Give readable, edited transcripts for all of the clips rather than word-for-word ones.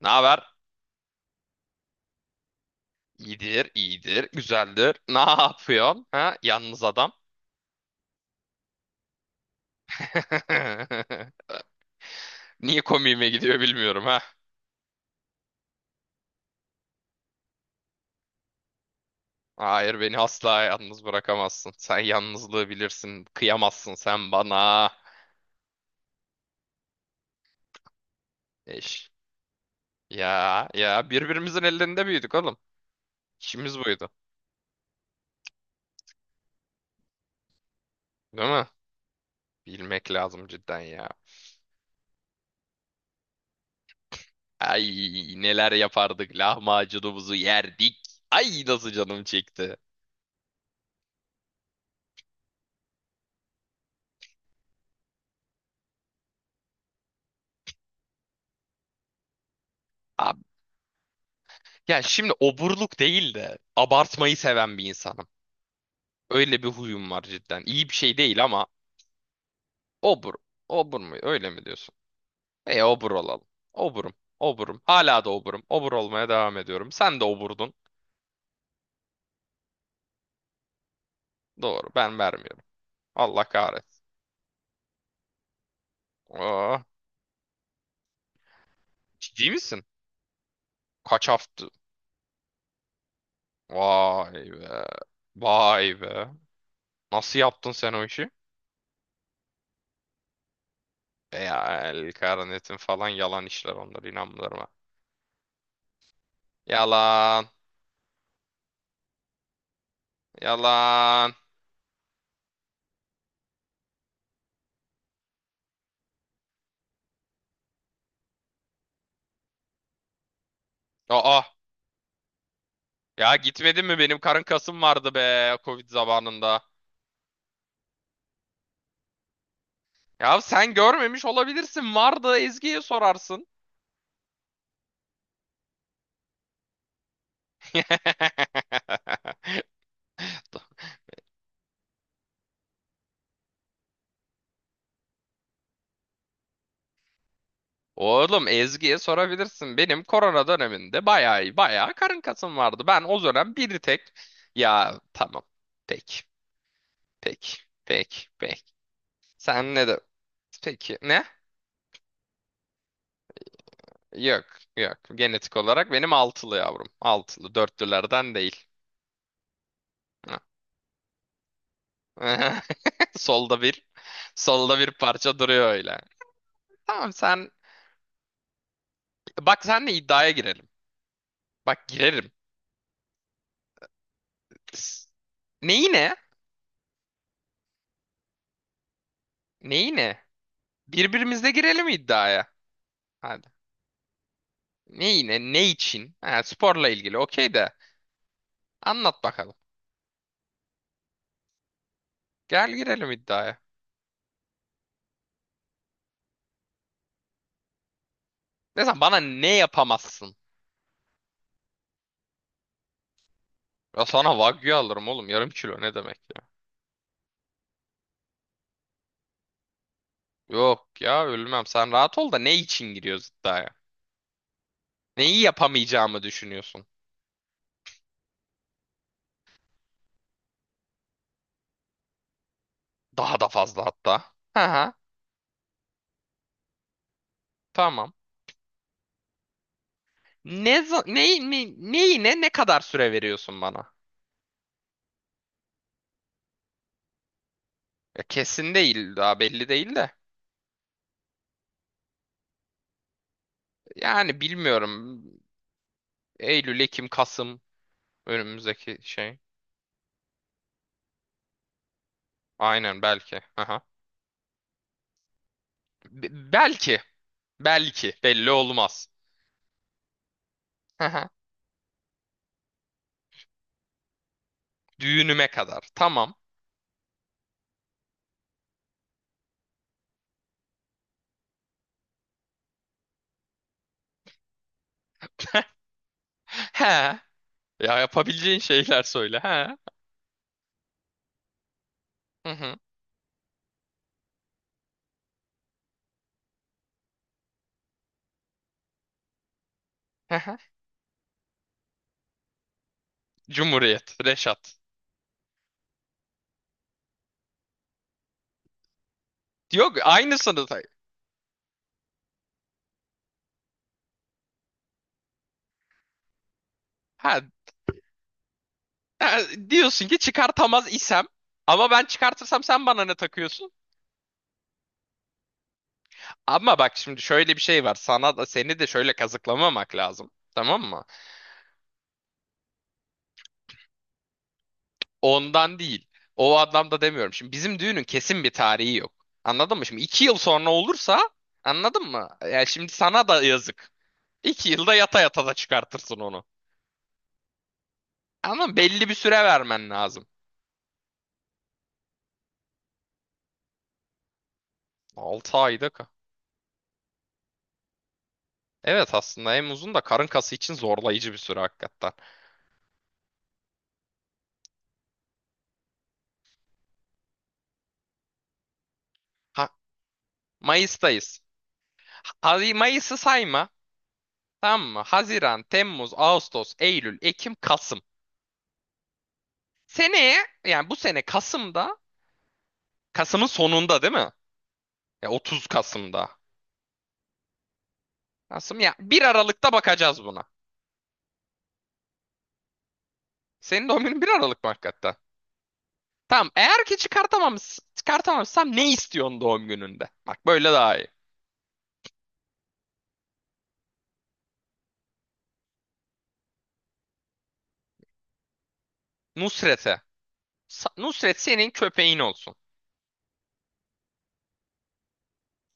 Ne haber? İyidir, iyidir, güzeldir. Ne yapıyorsun? Ha? Yalnız adam. Niye komiğime gidiyor bilmiyorum ha. Hayır, beni asla yalnız bırakamazsın. Sen yalnızlığı bilirsin. Kıyamazsın sen bana. Eş. Ya ya birbirimizin ellerinde büyüdük oğlum. İşimiz buydu. Değil mi? Bilmek lazım cidden ya. Ay neler yapardık. Lahmacunumuzu yerdik. Ay nasıl canım çekti. Ya şimdi oburluk değil de abartmayı seven bir insanım. Öyle bir huyum var cidden. İyi bir şey değil ama obur. Obur mu? Öyle mi diyorsun? E obur olalım. Oburum. Oburum. Hala da oburum. Obur olmaya devam ediyorum. Sen de oburdun. Doğru. Ben vermiyorum. Allah kahretsin. Aa, ciddi misin? Kaç hafta? Vay be. Vay be. Nasıl yaptın sen o işi? E ya el karnetin falan yalan işler onlar inanmıyorum ha. Yalan. Yalan. Aa. Ya gitmedin mi? Benim karın kasım vardı be Covid zamanında. Ya sen görmemiş olabilirsin. Vardı, Ezgi'ye sorarsın. Oğlum Ezgi'ye sorabilirsin. Benim korona döneminde bayağı bayağı karın kasım vardı. Ben o dönem bir tek ya tamam. Peki. Peki. Peki. Peki. Sen ne de peki ne? Yok. Yok. Genetik olarak benim altılı yavrum. Altılı. Dörtlülerden değil. Solda bir, solda bir parça duruyor öyle. Tamam sen, bak sen de iddiaya girelim. Bak girerim. Neyi ne? Neyi ne? Birbirimizle girelim iddiaya. Hadi. Neyi ne? Ne için? Ha, sporla ilgili. Okey de. Anlat bakalım. Gel girelim iddiaya. Mesela bana ne yapamazsın? Ya sana wagyu alırım oğlum. Yarım kilo ne demek ya? Yok ya ölmem. Sen rahat ol da ne için giriyoruz iddiaya? Neyi yapamayacağımı düşünüyorsun? Daha da fazla hatta. Hı hı. Tamam. Ne, za- neyi, ne, neyine ne kadar süre veriyorsun bana? Ya kesin değil, daha belli değil de. Yani bilmiyorum. Eylül, Ekim, Kasım önümüzdeki şey. Aynen belki. Aha. Belki. Belki. Belli olmaz. Aha. Düğünüme kadar. Tamam. He. Ya yapabileceğin şeyler söyle. He. Hı hı. Hı Cumhuriyet. Reşat. Yok aynısını. Ha Ha, diyorsun ki çıkartamaz isem ama ben çıkartırsam sen bana ne takıyorsun? Ama bak şimdi şöyle bir şey var. Sana da seni de şöyle kazıklamamak lazım. Tamam mı? Ondan değil. O anlamda demiyorum. Şimdi bizim düğünün kesin bir tarihi yok. Anladın mı? Şimdi 2 yıl sonra olursa anladın mı? Yani şimdi sana da yazık. 2 yılda yata yata da çıkartırsın onu. Ama belli bir süre vermen lazım. 6 ayda ka. Evet aslında en uzun da karın kası için zorlayıcı bir süre hakikaten. Ha, Mayıs'tayız. Hadi Mayıs'ı sayma. Tamam mı? Haziran, Temmuz, Ağustos, Eylül, Ekim, Kasım. Seneye, yani bu sene Kasım'da, Kasım'ın sonunda değil mi? Ya 30 Kasım'da. Kasım, ya bir Aralık'ta bakacağız buna. Senin doğum günün bir Aralık mı hakikaten? Tamam eğer ki çıkartamamışsam ne istiyorsun doğum gününde? Bak böyle daha iyi. Nusret'e. Nusret senin köpeğin olsun.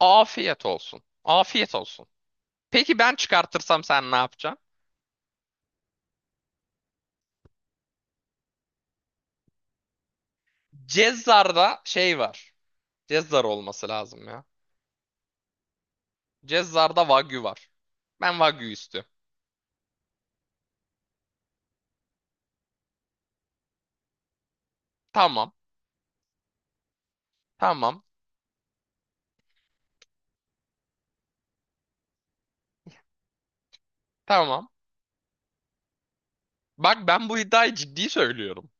Afiyet olsun. Afiyet olsun. Peki ben çıkartırsam sen ne yapacaksın? Cezzar'da şey var. Cezzar olması lazım ya. Cezzar'da Wagyu var. Ben Wagyu istiyorum. Tamam. Tamam. Tamam. Bak ben bu iddiayı ciddi söylüyorum.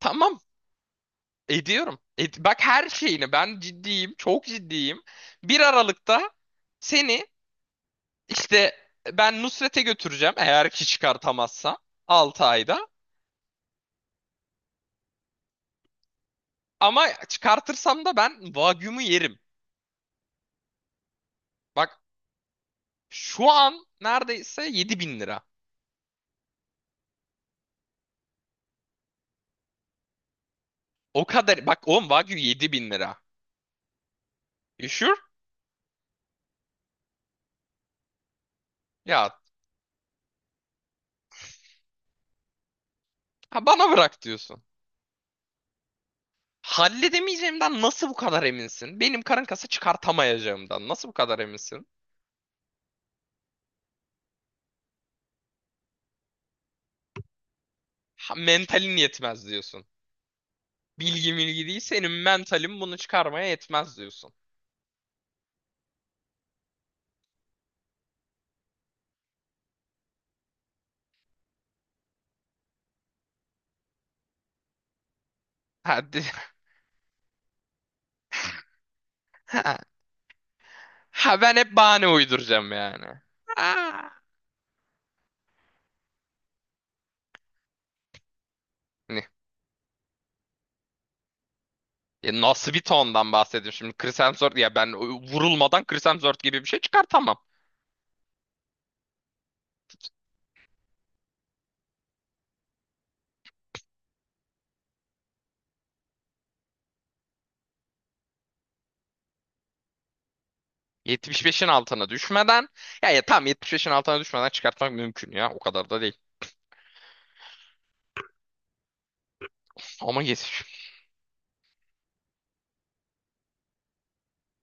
Tamam. Ediyorum. Et, bak her şeyini ben ciddiyim. Çok ciddiyim. Bir Aralık'ta seni işte ben Nusret'e götüreceğim. Eğer ki çıkartamazsa 6 ayda. Ama çıkartırsam da ben Wagyu'mu yerim. Bak şu an neredeyse 7.000 lira. O kadar. Bak oğlum Wagyu 7.000 lira. You sure? Ya Ha bana bırak diyorsun. Halledemeyeceğimden nasıl bu kadar eminsin? Benim karın kası çıkartamayacağımdan nasıl bu kadar eminsin? Ha, mentalin yetmez diyorsun. Bilgi bilgi değil, senin mentalin bunu çıkarmaya yetmez diyorsun. Ha, ha, ha, ben hep bahane uyduracağım yani. Ha. Ne? Ya nasıl bir tondan bahsediyorum şimdi? Chris Hemsworth, ya ben vurulmadan Chris Hemsworth gibi bir şey çıkartamam. 75'in altına düşmeden, ya, ya tam 75'in altına düşmeden çıkartmak mümkün ya o kadar da değil. Ama yetiş.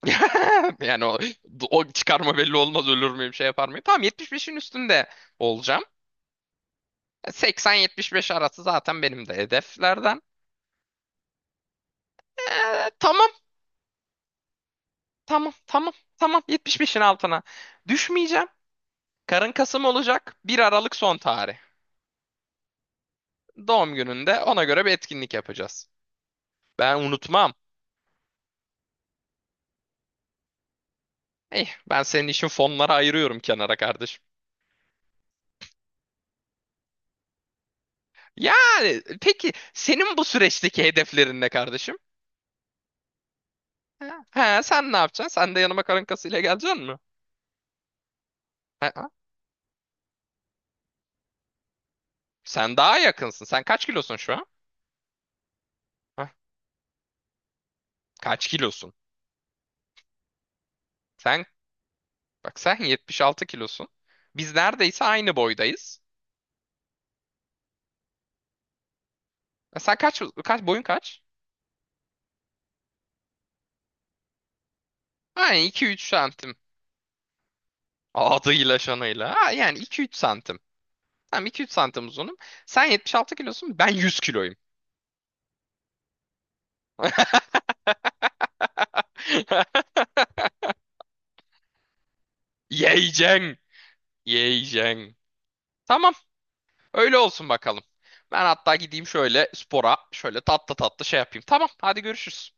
Yani o, o çıkarma belli olmaz, ölür müyüm şey yapar mıyım? Tamam 75'in üstünde olacağım. 80-75 arası zaten benim de hedeflerden. Tamam tamam tamam tamam 75'in altına düşmeyeceğim. Karın Kasım olacak, 1 Aralık son tarih. Doğum gününde ona göre bir etkinlik yapacağız. Ben unutmam. Ben senin için fonları ayırıyorum kenara kardeşim. Yani peki senin bu süreçteki hedeflerin ne kardeşim? Ha, sen ne yapacaksın? Sen de yanıma karın kasıyla geleceksin mi? Ha, ha. Sen daha yakınsın. Sen kaç kilosun şu an? Hah, kaç kilosun? Sen bak, sen 76 kilosun. Biz neredeyse aynı boydayız. E sen kaç boyun kaç? Aynen iki üç santim. Adıyla şanıyla. Ha, yani iki üç santim. Tamam iki üç santim uzunum. Sen 76 kilosun. Ben 100 kiloyum. Yiyeceksin. Yiyeceksin. Tamam. Öyle olsun bakalım. Ben hatta gideyim şöyle spora. Şöyle tatlı tatlı şey yapayım. Tamam. Hadi görüşürüz.